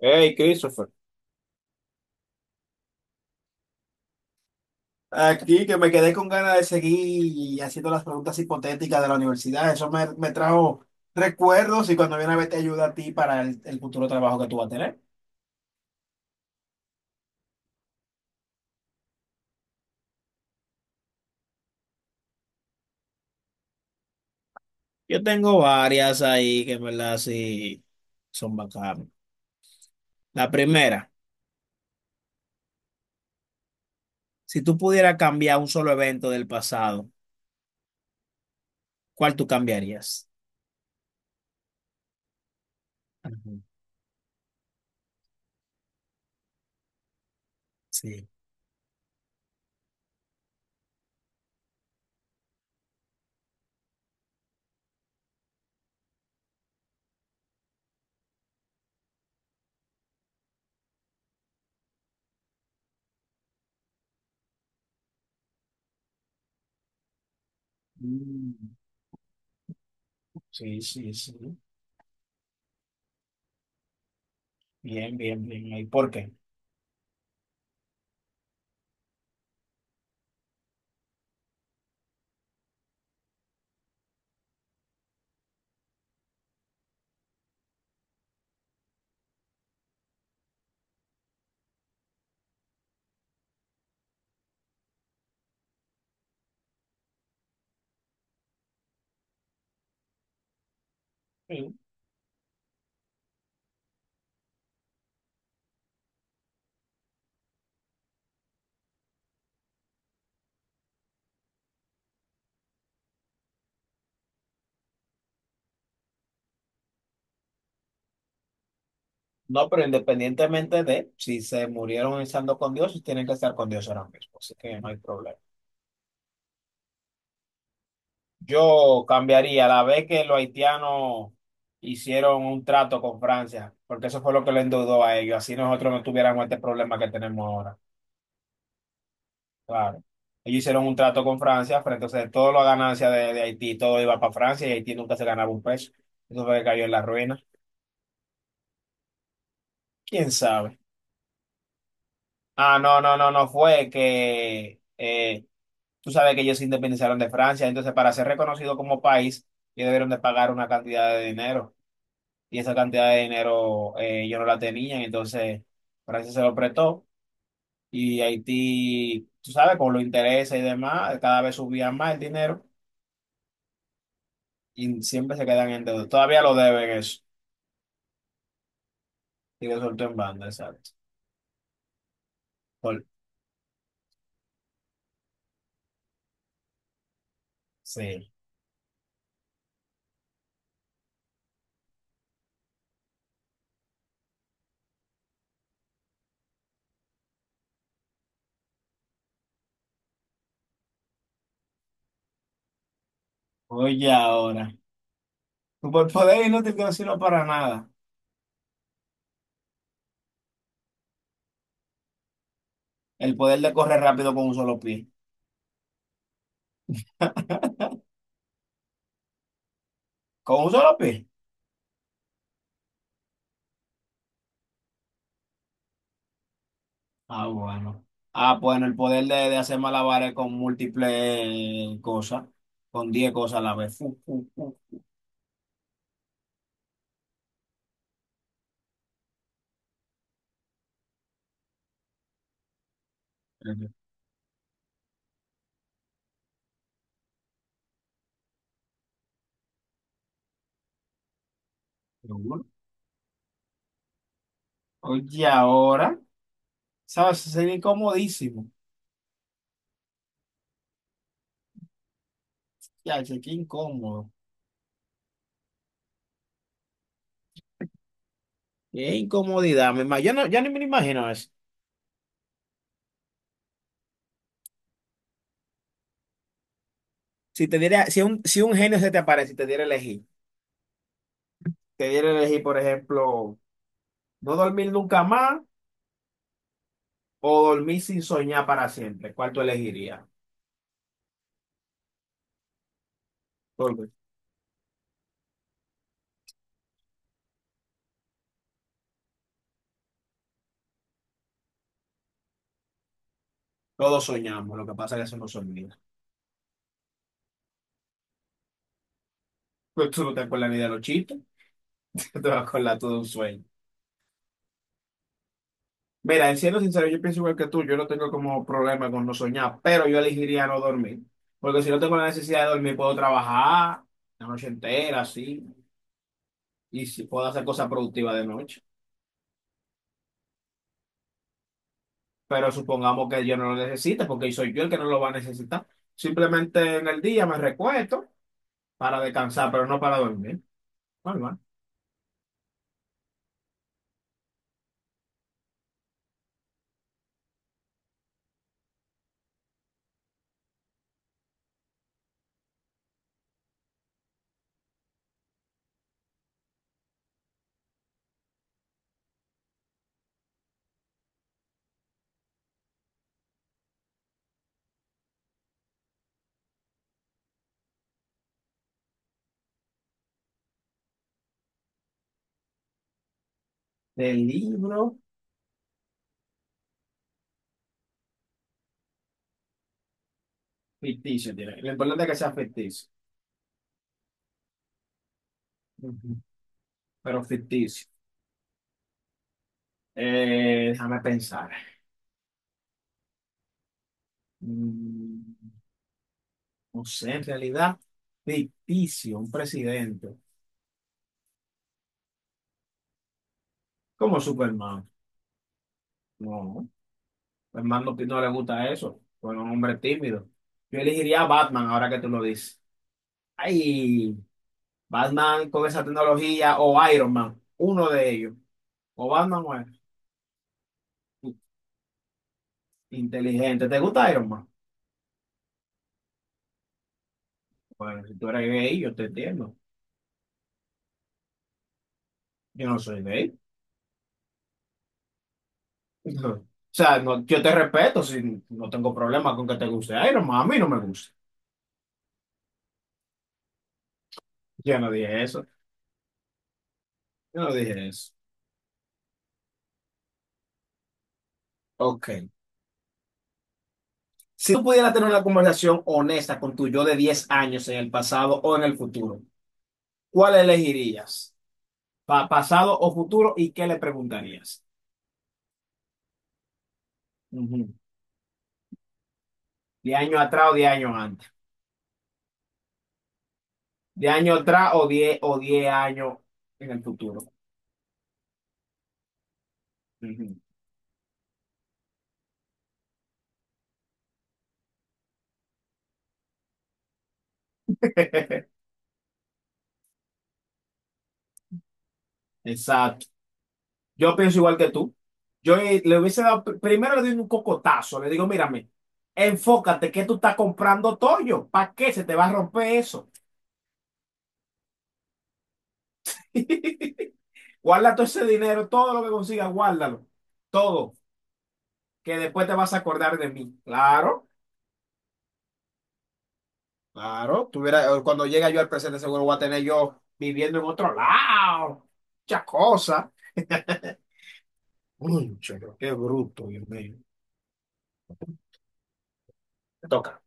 Hey, Christopher. Aquí que me quedé con ganas de seguir haciendo las preguntas hipotéticas de la universidad. Eso me trajo recuerdos y cuando viene a ver te ayuda a ti para el futuro trabajo que tú vas a tener. Yo tengo varias ahí que en verdad sí son bacanas. La primera, si tú pudieras cambiar un solo evento del pasado, ¿cuál tú cambiarías? Ajá. Sí. Mm, sí, sí, sí. Bien, bien, bien. ¿Y por qué? No, pero independientemente de si se murieron estando con Dios, tienen que estar con Dios ahora mismo, así que no hay problema. Yo cambiaría la vez que los haitianos hicieron un trato con Francia, porque eso fue lo que le endeudó a ellos, así nosotros no tuviéramos este problema que tenemos ahora. Claro. Ellos hicieron un trato con Francia, pero entonces toda la ganancia de Haití, todo iba para Francia y Haití nunca se ganaba un peso. Eso fue que cayó en la ruina. ¿Quién sabe? Ah, no, no, no, no fue que... tú sabes que ellos se independizaron de Francia, entonces para ser reconocido como país, ellos debieron de pagar una cantidad de dinero. Y esa cantidad de dinero ellos no la tenían, entonces Francia se lo prestó. Y Haití, tú sabes, con los intereses y demás, cada vez subían más el dinero y siempre se quedan en deuda. Todavía lo deben eso. Y lo soltó en banda, exacto. Por- sí. Oye, ahora, tu poder inútil que no sirve para nada. El poder de correr rápido con un solo pie. ¿Con un solo pie? Ah, bueno. Ah, bueno, el poder de hacer malabares con múltiples cosas, con 10 cosas a la vez. Fu, fu, fu. Seguro. Oye, ahora, ¿sabes? Sería incomodísimo. Ya, che, qué incómodo. Qué incomodidad, mi hermano. Yo no, ya ni me lo imagino eso. Si te diera, si un genio se te aparece y te diera a elegir, te diera a elegir, por ejemplo, no dormir nunca más o dormir sin soñar para siempre, ¿cuál tú elegirías? Todo- Todos soñamos, lo que pasa es que eso no soñamos. Pero tú no te vas con la vida lochita, tú te vas con la todo un sueño. Mira, en siendo sincero, yo pienso igual que tú, yo no tengo como problema con no soñar, pero yo elegiría no dormir. Porque si no tengo la necesidad de dormir, puedo trabajar la noche entera, así, y si puedo hacer cosas productivas de noche. Pero supongamos que yo no lo necesite, porque soy yo el que no lo va a necesitar. Simplemente en el día me recuesto para descansar, pero no para dormir. Normal. De libro ficticio, tiene. Lo importante es que sea ficticio. Ujú. Pero ficticio. Déjame pensar. Mm, no sé, en realidad, ficticio, un presidente. Como Superman. No, Superman no, no le gusta eso. Fue un hombre tímido. Yo elegiría a Batman ahora que tú lo dices. Ay, Batman con esa tecnología o Iron Man, uno de ellos. O Batman o Iron- inteligente. ¿Te gusta Iron Man? Bueno, si tú eres gay, yo te entiendo. Yo no soy gay. O sea, yo te respeto, si no tengo problema con que te guste Iron Man, a mí no me gusta. Yo no dije eso, yo no dije eso. Ok. Si tú pudieras tener una conversación honesta con tu yo de 10 años en el pasado o en el futuro, ¿cuál elegirías? ¿Pasado o futuro? ¿Y qué le preguntarías? Ujú. ¿De año atrás o 10 años antes? ¿De año atrás o 10 o 10 años en el futuro? Ujú. Exacto. Yo pienso igual que tú. Yo le hubiese dado, primero le doy un cocotazo, le digo, mírame, enfócate que tú estás comprando toyo, ¿para qué se te va a romper eso? Guarda todo ese dinero, todo lo que consigas, guárdalo. Todo, que después te vas a acordar de mí. Claro, claro, tuviera, cuando llegue yo al presente seguro voy a tener yo viviendo en otro lado, muchas cosas. Concho, pero qué bruto, Dios mío. Te toca.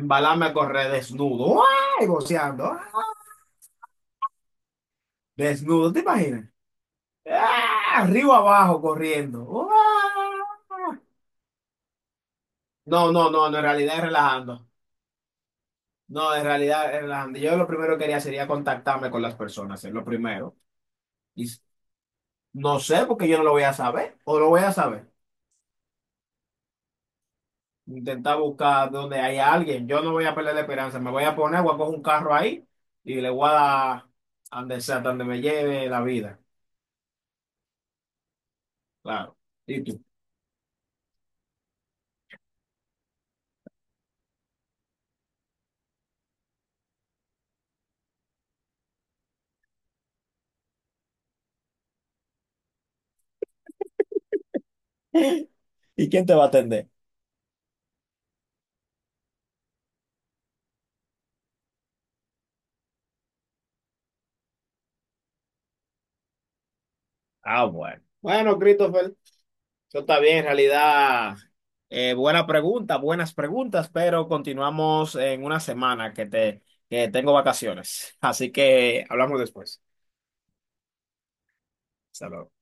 Embalarme a correr desnudo, ¡ay! Goceando, ¡ah! Desnudo, ¿te imaginas? ¡Ah! Arriba abajo corriendo. ¡Ah! No, no, no, no, en realidad es relajando. No, en realidad, Hernán, yo lo primero que haría sería contactarme con las personas, es lo primero. Y s- no sé, porque yo no lo voy a saber, o lo voy a saber. Intentar buscar donde hay alguien. Yo no voy a perder la esperanza, me voy a poner, voy a coger un carro ahí y le voy a dar a donde sea, hasta donde me lleve la vida. Claro. ¿Y tú? ¿Y quién te va a atender? Ah, bueno. Bueno, Christopher. Eso está bien, en realidad. Eh, buena pregunta, buenas preguntas, pero continuamos en una semana que te, que tengo vacaciones. Así que hablamos después. Hasta luego.